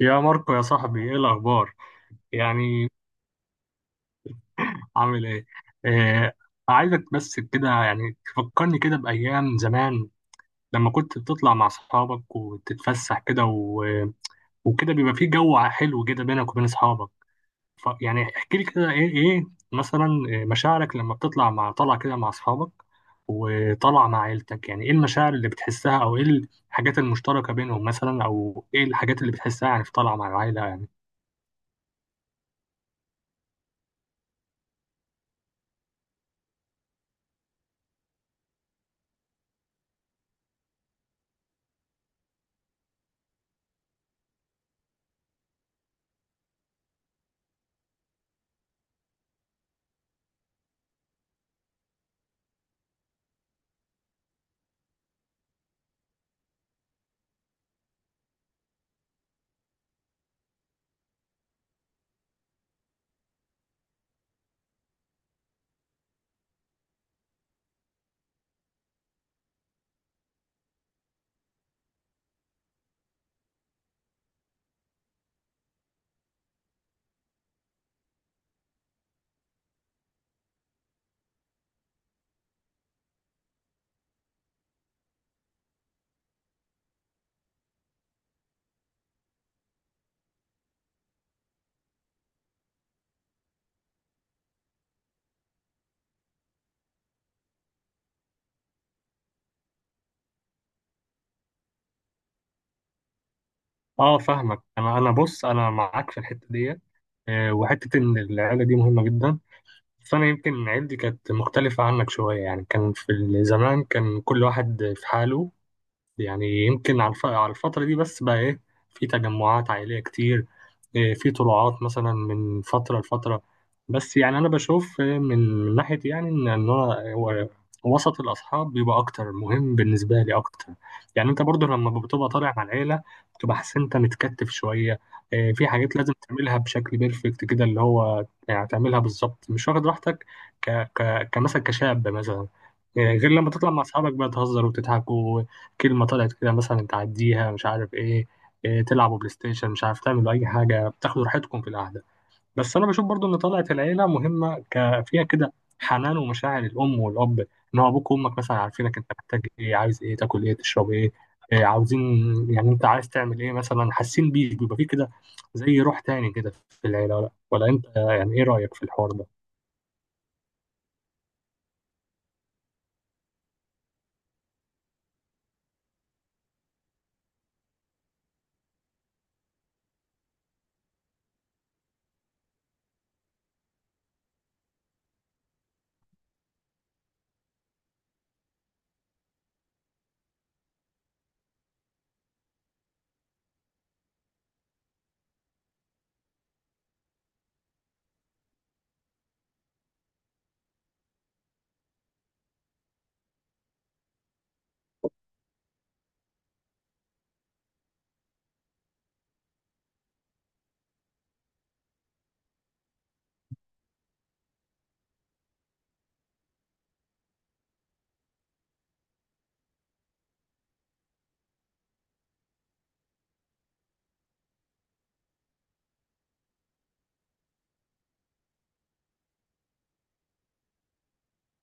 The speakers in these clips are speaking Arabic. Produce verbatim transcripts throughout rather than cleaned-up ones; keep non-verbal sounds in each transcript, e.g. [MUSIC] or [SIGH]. يا ماركو يا صاحبي، ايه الاخبار؟ يعني عامل ايه؟ آه. عايزك بس كده يعني تفكرني كده بايام زمان لما كنت بتطلع مع اصحابك وتتفسح كده، و... وكده بيبقى في جو حلو كده بينك وبين اصحابك. ف... يعني احكي لي كده ايه ايه مثلا، آه، مشاعرك لما بتطلع مع طلع كده مع اصحابك وطلع مع عيلتك. يعني ايه المشاعر اللي بتحسها او ايه الحاجات المشتركة بينهم مثلا او ايه الحاجات اللي بتحسها يعني في طلعة مع العيلة؟ اه فاهمك. انا انا بص، انا معاك في الحته دي، آه، وحته ان العيله دي مهمه جدا. بس انا يمكن عيلتي كانت مختلفه عنك شويه. يعني كان في زمان كان كل واحد في حاله. يعني يمكن على الف- على الفترة دي بس بقى إيه، في تجمعات عائلية كتير، إيه، في طلوعات مثلا من فترة لفترة. بس يعني أنا بشوف إيه، من من ناحية يعني إن إن هو هو وسط الأصحاب بيبقى أكتر مهم بالنسبة لي أكتر. يعني أنت برضو لما بتبقى طالع مع العيلة بتبقى حاسس إن أنت متكتف شوية. إيه، في حاجات لازم تعملها بشكل بيرفكت كده، اللي هو يعني تعملها بالظبط، مش واخد راحتك ك ك كمثلا كشاب مثلا. إيه، غير لما تطلع مع أصحابك بقى تهزر وتضحك. كلمة طلعت كده مثلا تعديها مش عارف ايه، إيه تلعبوا بلاي ستيشن، مش عارف تعملوا أي حاجة، بتاخدوا راحتكم في القعدة. بس أنا بشوف برضو إن طلعت العيلة مهمة، ك... فيها كده حنان ومشاعر الأم والأب. إن هو أبوك وأمك مثلا عارفينك أنت محتاج إيه، عايز إيه، تاكل إيه، تشرب إيه، إيه عاوزين. يعني أنت عايز تعمل إيه مثلا، حاسين بيك. بيبقى فيه كده زي روح تاني كده في العيلة. ولا, ولا أنت يعني إيه رأيك في الحوار ده؟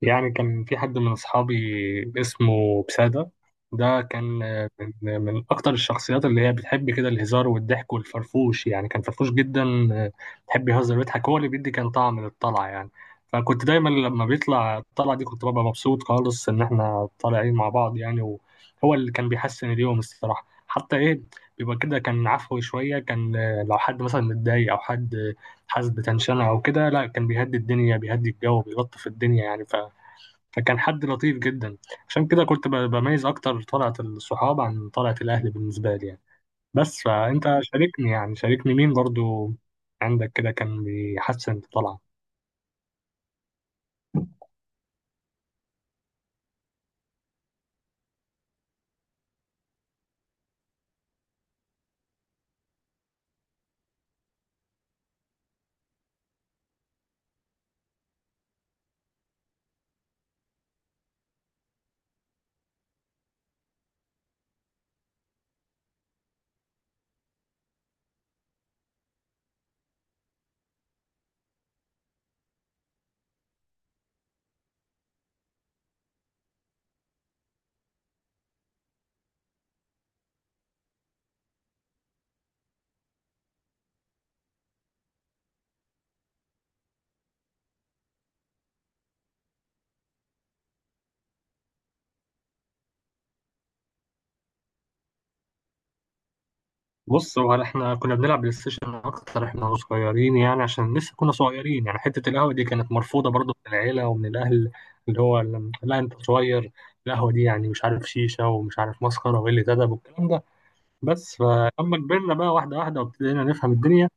يعني كان في حد من أصحابي اسمه بسادة، ده كان من, من أكتر الشخصيات اللي هي بتحب كده الهزار والضحك والفرفوش. يعني كان فرفوش جدا، بيحب يهزر ويضحك، هو اللي بيدي كان طعم للطلعة يعني. فكنت دايما لما بيطلع الطلعة دي كنت ببقى مبسوط خالص إن إحنا طالعين مع بعض يعني. وهو اللي كان بيحسن اليوم الصراحة، حتى إيه، بيبقى كده كان عفوي شوية. كان لو حد مثلا متضايق أو حد حاسس بتنشنة أو كده، لا كان بيهدي الدنيا، بيهدي الجو، بيلطف الدنيا يعني. فكان حد لطيف جدا. عشان كده كنت ب- بميز اكتر طلعة الصحاب عن طلعة الاهل بالنسبة لي يعني. بس فانت شاركني، يعني شاركني مين برضو عندك كده كان بيحسن الطلعة؟ بص، هو احنا كنا بنلعب بلاي ستيشن اكتر احنا صغيرين يعني، عشان لسه كنا صغيرين يعني، حتة القهوة دي كانت مرفوضة برضو من العيلة ومن الاهل. اللي هو ال- لا انت صغير، القهوة دي يعني مش عارف شيشة ومش عارف مسخرة وإيه اللي تدب والكلام ده. بس فلما كبرنا بقى واحدة واحدة وابتدينا نفهم الدنيا،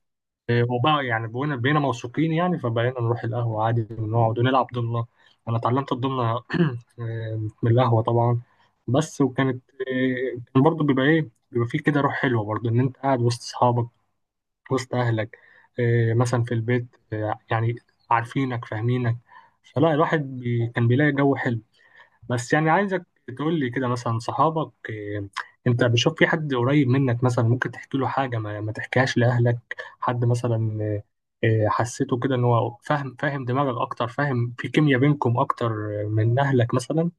هو بقى يعني بقينا بقينا موثوقين يعني، فبقينا نروح القهوة عادي ونقعد ونلعب ضمنة. أنا اتعلمت الضمنة، آه، من القهوة طبعا. بس وكانت، آه، كان برضه بيبقى إيه، بيبقى فيه كده روح حلوة برضه إن أنت قاعد وسط أصحابك، وسط أهلك، إيه، مثلا في البيت، إيه، يعني عارفينك فاهمينك. فلا الواحد بي كان بيلاقي جو حلو. بس يعني عايزك تقول لي كده مثلا صحابك إيه، انت بتشوف في حد قريب منك مثلا ممكن تحكي له حاجة ما, ما تحكيهاش لأهلك، حد مثلا إيه، إيه، حسيته كده ان هو فاهم، فاهم دماغك اكتر، فاهم، في كيمياء بينكم اكتر من اهلك مثلا؟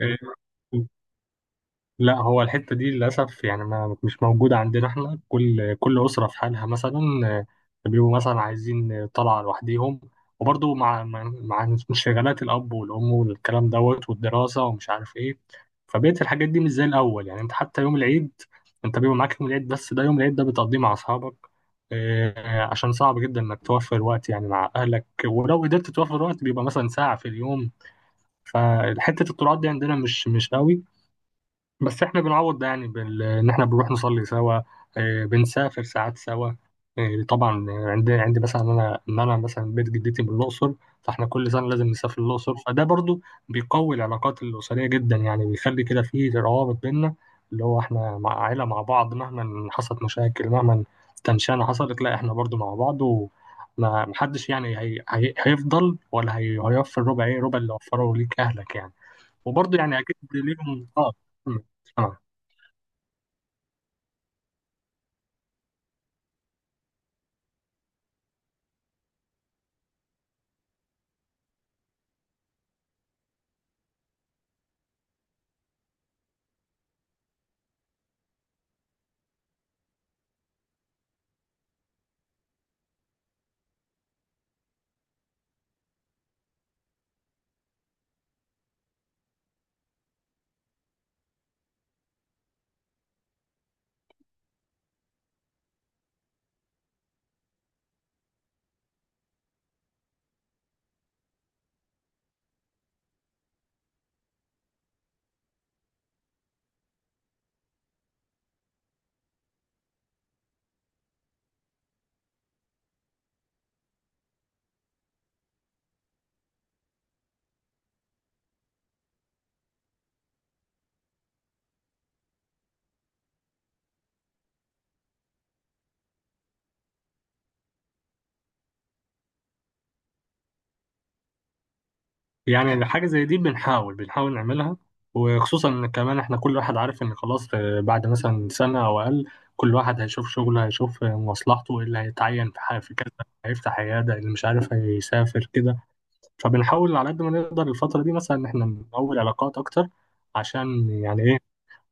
[LAUGHS] لا، هو الحتة دي للأسف يعني ما مش موجودة عندنا. احنا كل كل أسرة في حالها مثلا، آه، بيبقوا مثلا عايزين آه، طلعة لوحديهم، وبرضه مع مع مع انشغالات الأب والأم والكلام دوت والدراسة ومش عارف إيه، فبقيت الحاجات دي مش زي الأول يعني. أنت حتى يوم العيد، أنت بيبقى معاك يوم العيد، بس ده يوم العيد ده بتقضيه مع أصحابك، آه، عشان صعب جدا إنك توفر وقت يعني مع أهلك، ولو قدرت توفر وقت بيبقى مثلا ساعة في اليوم. فحتة الطلعات دي عندنا مش مش قوي. بس احنا بنعوض ده يعني بال... ان احنا بنروح نصلي سوا، آه، بنسافر ساعات سوا. آه، طبعا عندي عندي مثلا انا ان انا مثلا بيت جدتي من الاقصر. فاحنا كل سنه لازم نسافر الاقصر، فده برضو بيقوي العلاقات الاسريه جدا يعني، بيخلي كده فيه روابط بينا، اللي هو احنا مع عائله مع بعض مهما حصلت مشاكل، مهما تنشانه حصلت، لا احنا برضو مع بعض. وما محدش يعني هي... هي... هيفضل ولا هي... هيوفر ربع ايه ربع اللي وفره ليك اهلك يعني. وبرضه يعني اكيد ليهم اه. مم. اه. يعني حاجه زي دي بنحاول بنحاول نعملها، وخصوصا ان كمان احنا كل واحد عارف ان خلاص، آه، بعد مثلا سنه او اقل كل واحد هيشوف شغله، هيشوف آه، مصلحته ايه، اللي هيتعين في ح- في كذا، هيفتح عياده، اللي مش عارف هيسافر كده. فبنحاول على قد ما نقدر الفتره دي مثلا ان احنا نقوي العلاقات اكتر، عشان يعني ايه،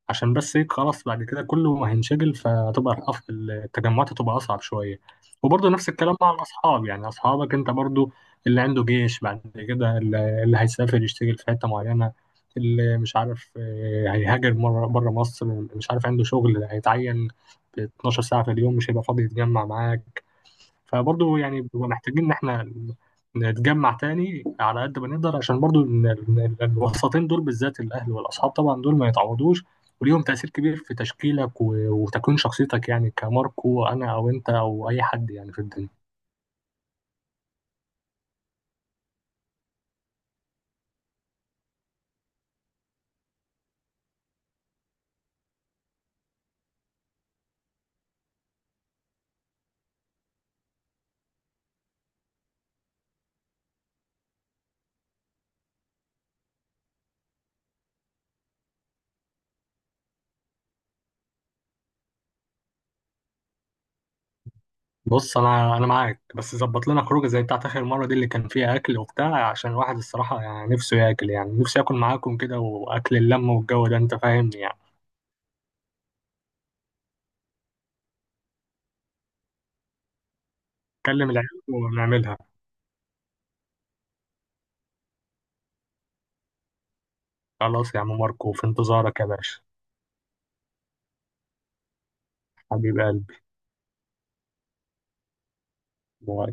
عشان بس هيك خلاص بعد كده كله هينشغل، فهتبقى الأف- التجمعات هتبقى أصعب شوية. وبرضه نفس الكلام مع الأصحاب، يعني أصحابك أنت برضه، اللي عنده جيش، بعد كده اللي اللي هيسافر يشتغل في حتة معينة، اللي مش عارف آه، هيهاجر مرة بره مصر، مش عارف عنده شغل هيتعين ب 12 ساعة في اليوم، مش هيبقى فاضي يتجمع معاك. فبرضه يعني بنبقى محتاجين ان احنا نتجمع تاني على قد ما نقدر، عشان برضه إن ال- ال- الوسطين دول بالذات الاهل والاصحاب طبعا دول ما يتعوضوش، وليهم تاثير كبير في تشكيلك و- وتكوين شخصيتك يعني، كماركو انا او انت او اي حد يعني في الدنيا. بص انا انا معاك، بس ظبط لنا خروجه زي بتاعت اخر مره دي اللي كان فيها اكل وبتاع، عشان الواحد الصراحه يعني نفسه ياكل، يعني نفسي اكل معاكم كده، واكل اللمه والجو ده انت فاهمني يعني. كلم العيال ونعملها. خلاص يا عم ماركو، في انتظارك يا باشا. حبيب قلبي. واي.